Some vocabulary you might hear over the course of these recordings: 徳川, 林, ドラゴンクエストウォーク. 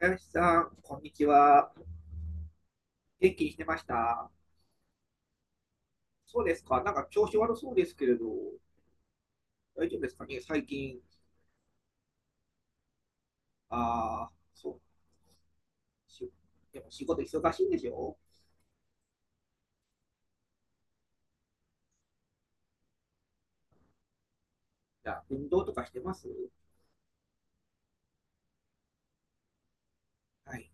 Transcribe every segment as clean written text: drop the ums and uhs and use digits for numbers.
林さん、こんにちは。元気にしてました？そうですか。なんか調子悪そうですけれど、大丈夫ですかね最近。ああ、そう。でも仕事忙しいんでしょ？じゃあ、運動とかしてます？はい。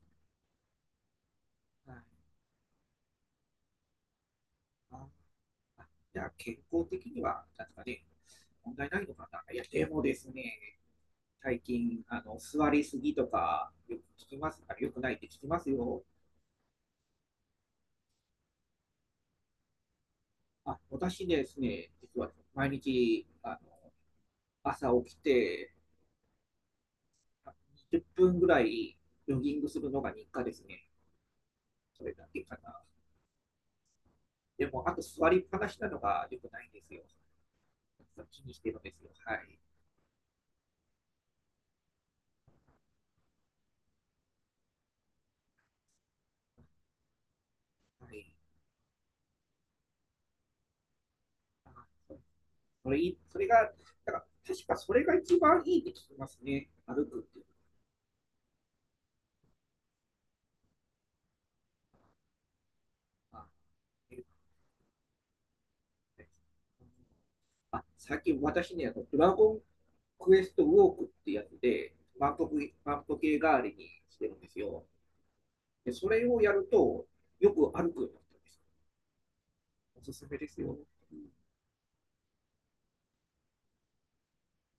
はい。あ、あ、じゃあ、健康的には、なんですかね、問題ないのかな、いや、でもですね、最近、座りすぎとか、よく聞きます。あ、よくないって聞きますよ。あ、私ですね、実は毎日、朝起きて、20分ぐらいジョギングするのが日課ですね。それだけかな。でも、あと座りっぱなしなのが良くないんですよ。気にしてるんですよ。はい。はい。それいい、それが、だから確かそれが一番いいって聞きますね。歩くっていうのは。あ、最近私ね、あのドラゴンクエストウォークってやつで、万歩万歩計代わりにしてるんですよ。で、それをやると、よく歩くようになったんです。おすすめですよ。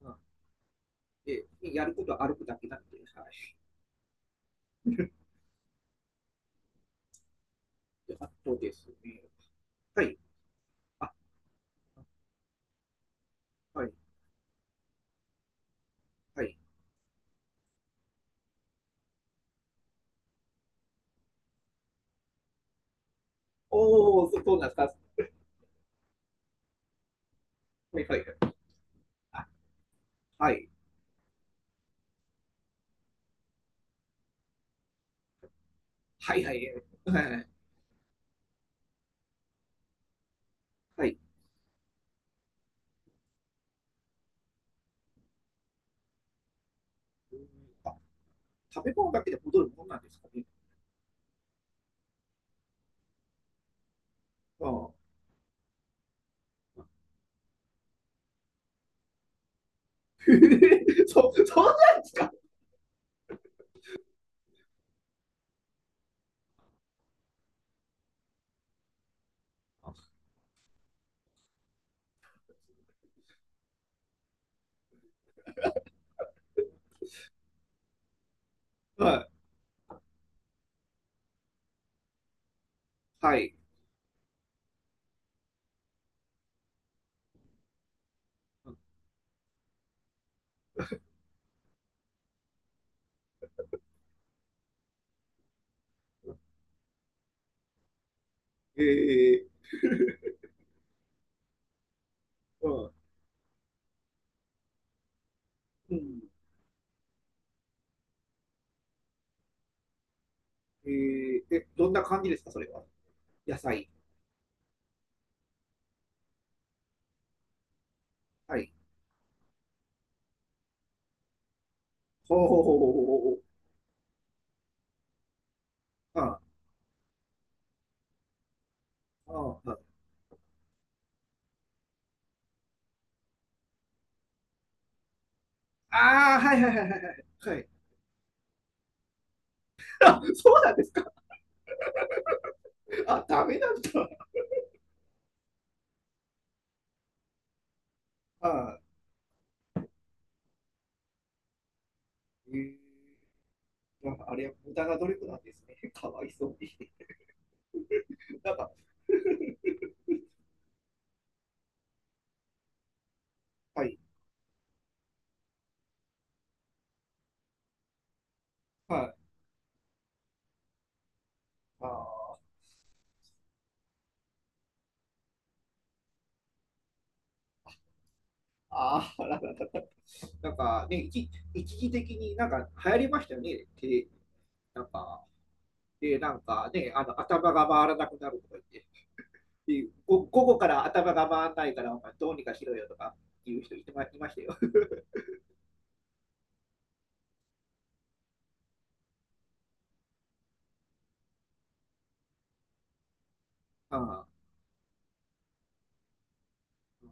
うん。で、やることは歩くだけなので、はい。で、あとですね、はい、あ、はい、はい。おお、そんうなんですか。はい、はい、あ、はい、はい、はい、はい、はい。うん。あ、食べ物だけで戻るものなんですかね。ああ、そうなんですか。はい、はい。ええ。うん、うん、どんな感じですか、それは。野菜。はい。ほうほうほうほうほうほう。ああ、ああ、はいはいはいはいはい。はい。あ、そうなんですか。あ、ダメなんだ。あー、なんかあれは無駄な努力なんですね。かわいそうに。なんか、はい、はい、まあ、ーあー、なんかね、一時的になんか流行りましたよね。で、なんか、で、なんかね、頭が回らなくなるとか言って、で後から頭が回らないから、お前どうにかしろよとか言う人いてまいましたよ。あー、うん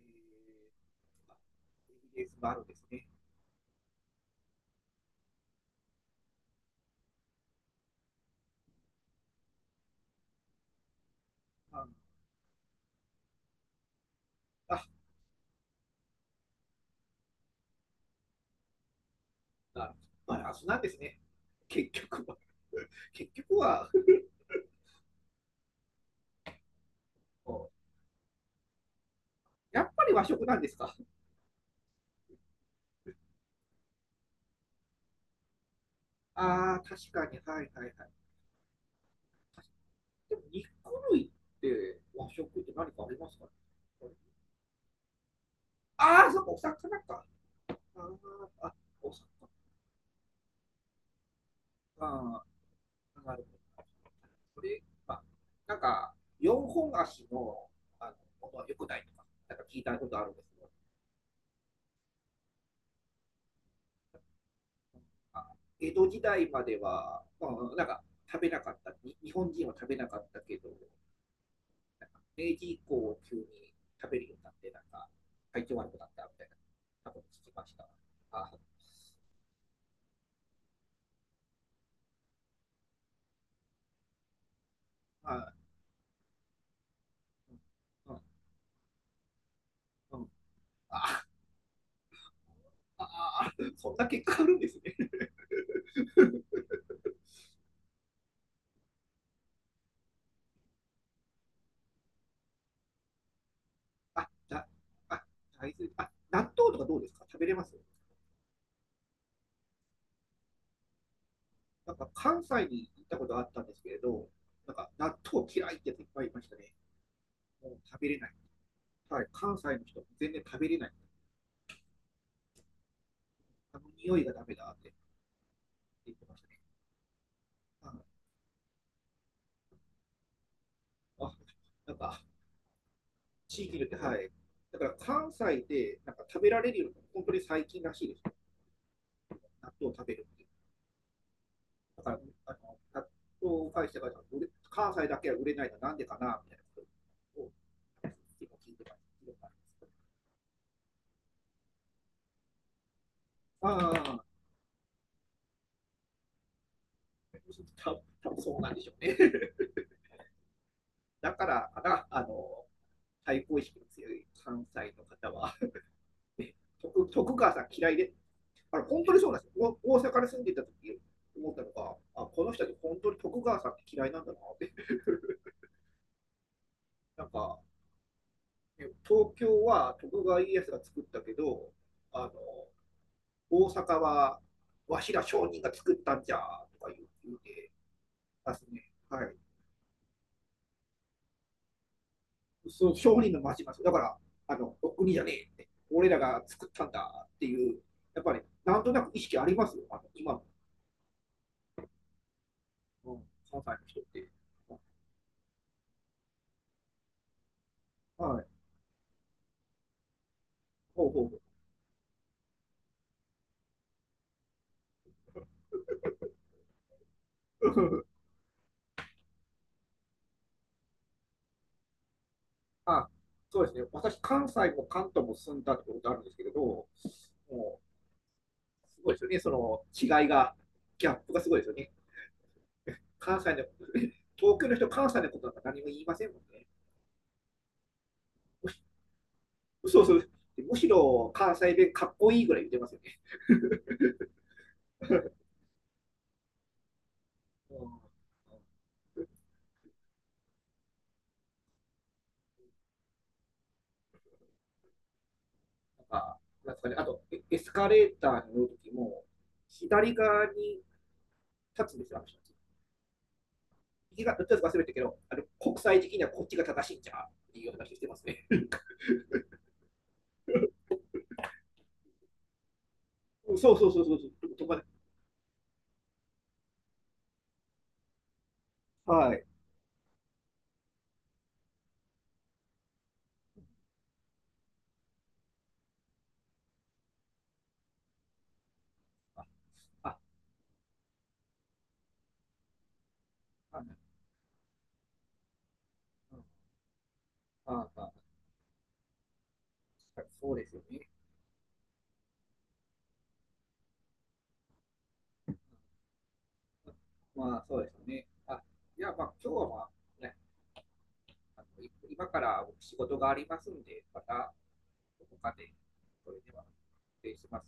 うん、エビデンスもあるんですね。うん、あ、まあ、そうなんですね。結局は、結局は、やっぱり和食なんですか。ああ、確かに、はいはいはい。でも、肉類って和食って何かありますか？ああ、そっか、お魚か。あーあ、お魚か。なるほど。これ、まあ、なんか、四本足の、あの、ものは良くないとか、なんか聞いたことあるんですけど、まあ江戸時代までは、まあ、なんか、食べなかった、に日本人は食べなかったけど、0時以降急に食べるようになって、なんか、体調悪くなったみたいな、多分聞きました。あ、あ、うん、うん、あ、あ、あ、そんな結果あるんですね。あ、あ、大豆、あ、納豆とかどうですか食べれます？なんか関西に行ったことあったんですけれど、なんか納豆嫌いっていっぱいいましたね。もう食べれない。はい、関西の人、全然食べれない。あの匂いがダメだって言ってましたね。あ、なんか地域によって、はい。だから関西でなんか食べられるようにの本当に最近らしいです。納豆を食べるって。だから、あの納豆を返してから売れ関西だけは売れないのはなんでかなみたいなことを聞いてます。ああ、多分そうなんでしょうね。だからかな、対抗意識の強い関西の方は、徳川さん嫌いで、あれ、本当にそうなんですよ。大阪に住んでいた時思ったのが、あ、この人たち本当に徳川さんって嫌いなんだなって なんか、ね、東京は徳川家康が作ったけど、あの、大阪はわしら商人が作ったんじゃとか言うてますね。はい。その商人の町ます。だから、あの、お国じゃねえって。俺らが作ったんだっていう、やっぱり、なんとなく意識ありますよ。今の、うん、関西の人って。はい。ほうほう。あ、そうですね。私、関西も関東も住んだってことあるんですけれど、もう、すごいですよね。その違いが、ギャップがすごいですよね。関西の、東京の人、関西のことなんか何も言いませんもんね。そうそう。むしろ関西弁かっこいいぐらい言ってますよね。うん。なんか、なんですかね。あと、エスカレーターに乗るときも、左側に立つんですよ、あの人たち。右側、どっちか忘れたけど、国際的にはこっちが正しいんじゃ、っていう話してますね。そうそうそうそう。そう、はい。あ、あ、まあ、あ、確かにそうですよね。まあ、そうですよね。あ、じゃあ、まあ、今日は、まあ、ね、今から僕仕事がありますんで、また、どこかで、それでは、失礼します。